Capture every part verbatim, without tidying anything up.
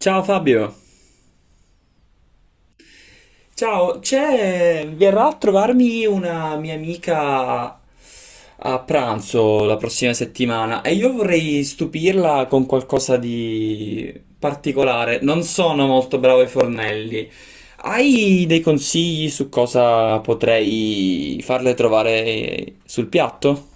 Ciao Fabio. Ciao, c'è, verrà a trovarmi una mia amica a pranzo la prossima settimana e io vorrei stupirla con qualcosa di particolare. Non sono molto bravo ai fornelli. Hai dei consigli su cosa potrei farle trovare sul piatto?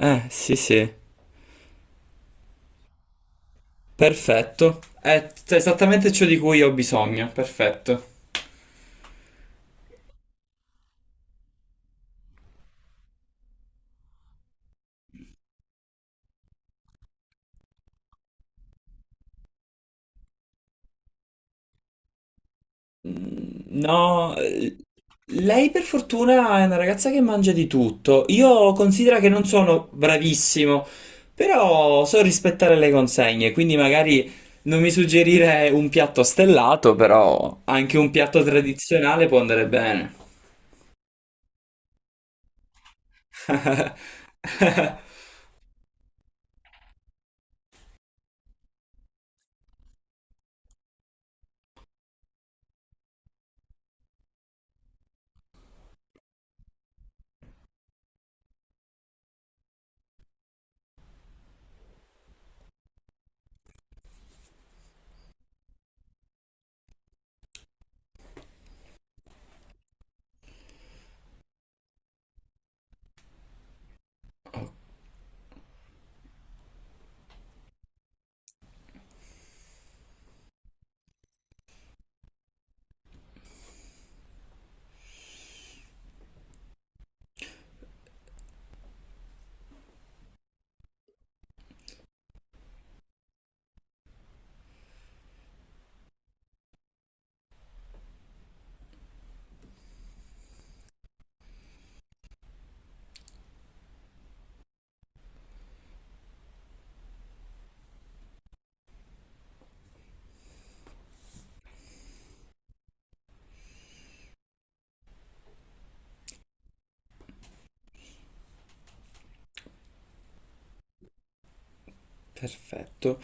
Eh, sì, sì. Perfetto. È esattamente ciò di cui ho bisogno. Perfetto. No, eh, lei per fortuna è una ragazza che mangia di tutto. Io considero che non sono bravissimo, però so rispettare le consegne, quindi magari non mi suggerire un piatto stellato, però anche un piatto tradizionale può andare bene. Perfetto.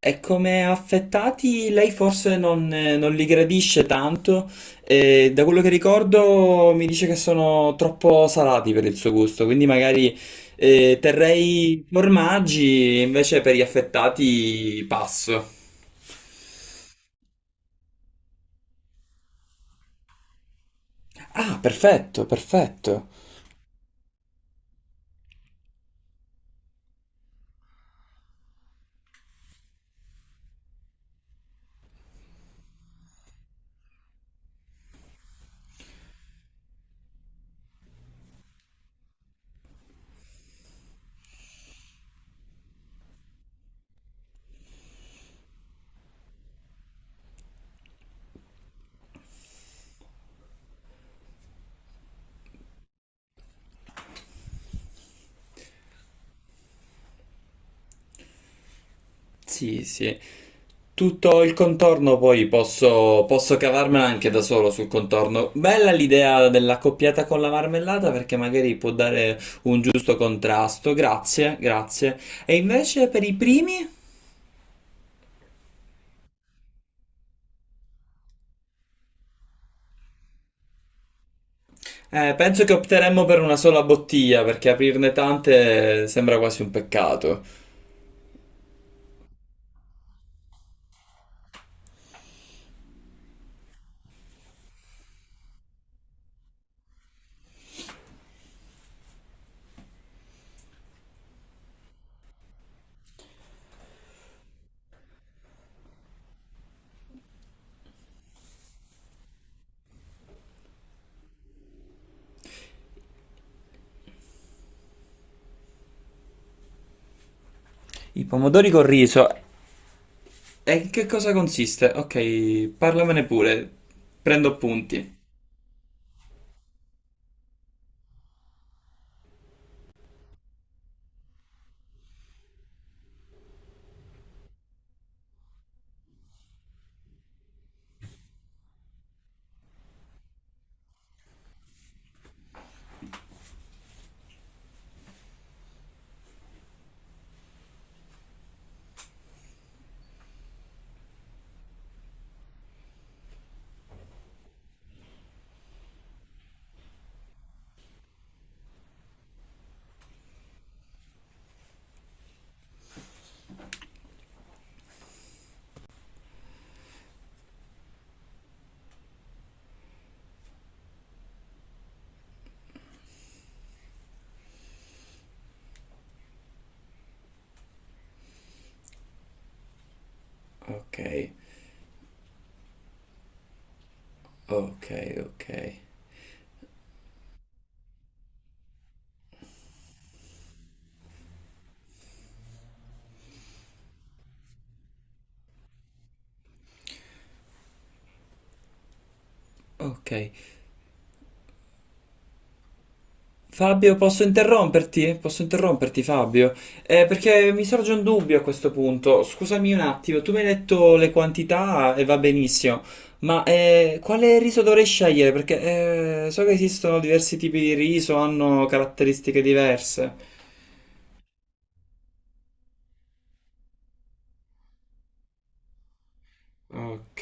E come affettati lei forse non, eh, non li gradisce tanto, e da quello che ricordo mi dice che sono troppo salati per il suo gusto, quindi magari eh, terrei formaggi, invece per gli affettati passo. Ah, perfetto, perfetto. Sì, sì. Tutto il contorno poi posso, posso cavarmela anche da solo sul contorno. Bella l'idea dell'accoppiata con la marmellata perché magari può dare un giusto contrasto. Grazie, grazie. E invece per i primi? Eh, penso che opteremmo per una sola bottiglia perché aprirne tante sembra quasi un peccato. I pomodori col riso. E in che cosa consiste? Ok, parlamene pure. Prendo appunti. Ok, ok, ok. Ok. Fabio, posso interromperti? Posso interromperti, Fabio? Eh, perché mi sorge un dubbio a questo punto. Scusami un attimo, tu mi hai detto le quantità e va benissimo, ma eh, quale riso dovrei scegliere? Perché eh, so che esistono diversi tipi di riso, hanno caratteristiche diverse. Ok,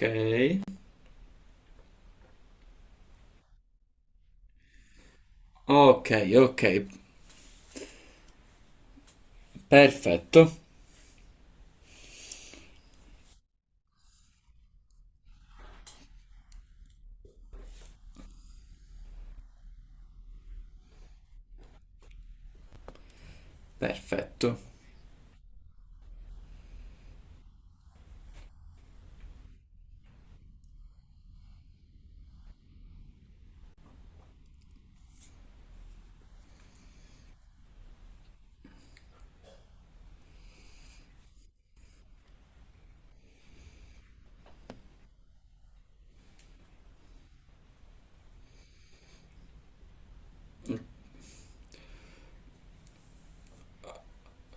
ok, ok, perfetto, perfetto.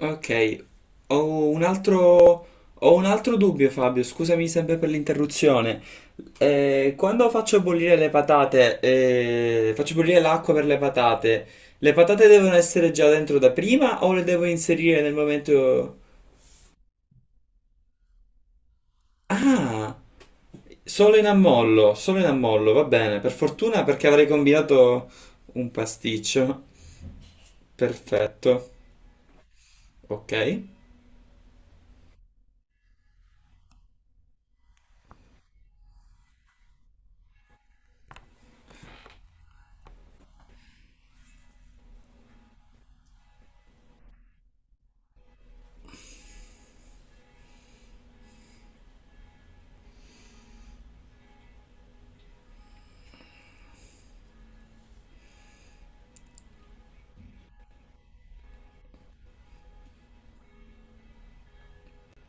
Ok, ho un altro, ho un altro dubbio, Fabio, scusami sempre per l'interruzione. Eh, quando faccio bollire le patate, eh, faccio bollire l'acqua per le patate, le patate devono essere già dentro da prima o le devo inserire nel momento... Ah, solo in ammollo, solo in ammollo, va bene, per fortuna perché avrei combinato un pasticcio. Perfetto, ok.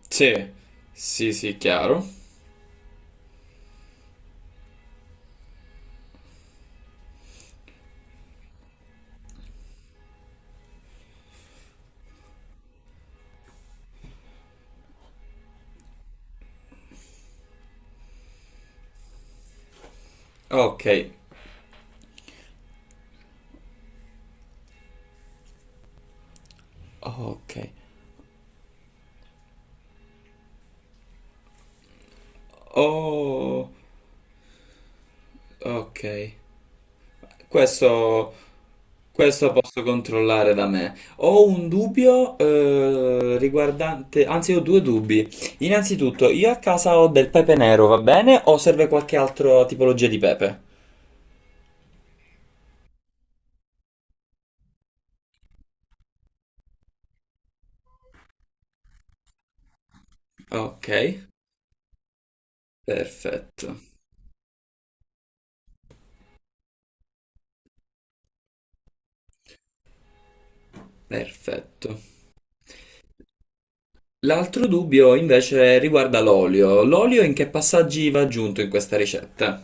Sì, sì, sì, chiaro. Ok, Ok. Oh, ok. Questo, questo posso controllare da me. Ho un dubbio eh, riguardante, anzi ho due dubbi. Innanzitutto, io a casa ho del pepe nero, va bene? O serve qualche altra tipologia di pepe? Ok, perfetto, perfetto. L'altro dubbio invece riguarda l'olio. L'olio in che passaggi va aggiunto in questa ricetta?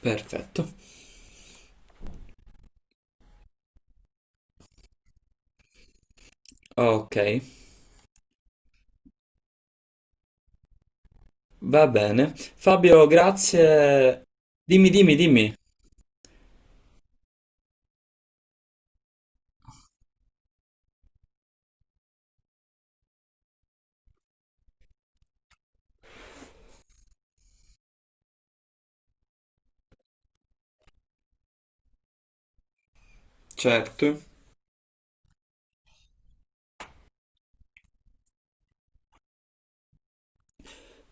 Perfetto. Ok. Va bene. Fabio, grazie. Dimmi, dimmi, dimmi. Certo.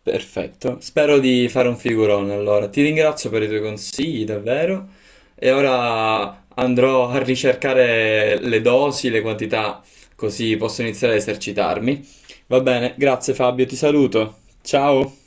Perfetto. Spero di fare un figurone allora. Ti ringrazio per i tuoi consigli, davvero. E ora andrò a ricercare le dosi, le quantità, così posso iniziare a esercitarmi. Va bene, grazie Fabio, ti saluto. Ciao.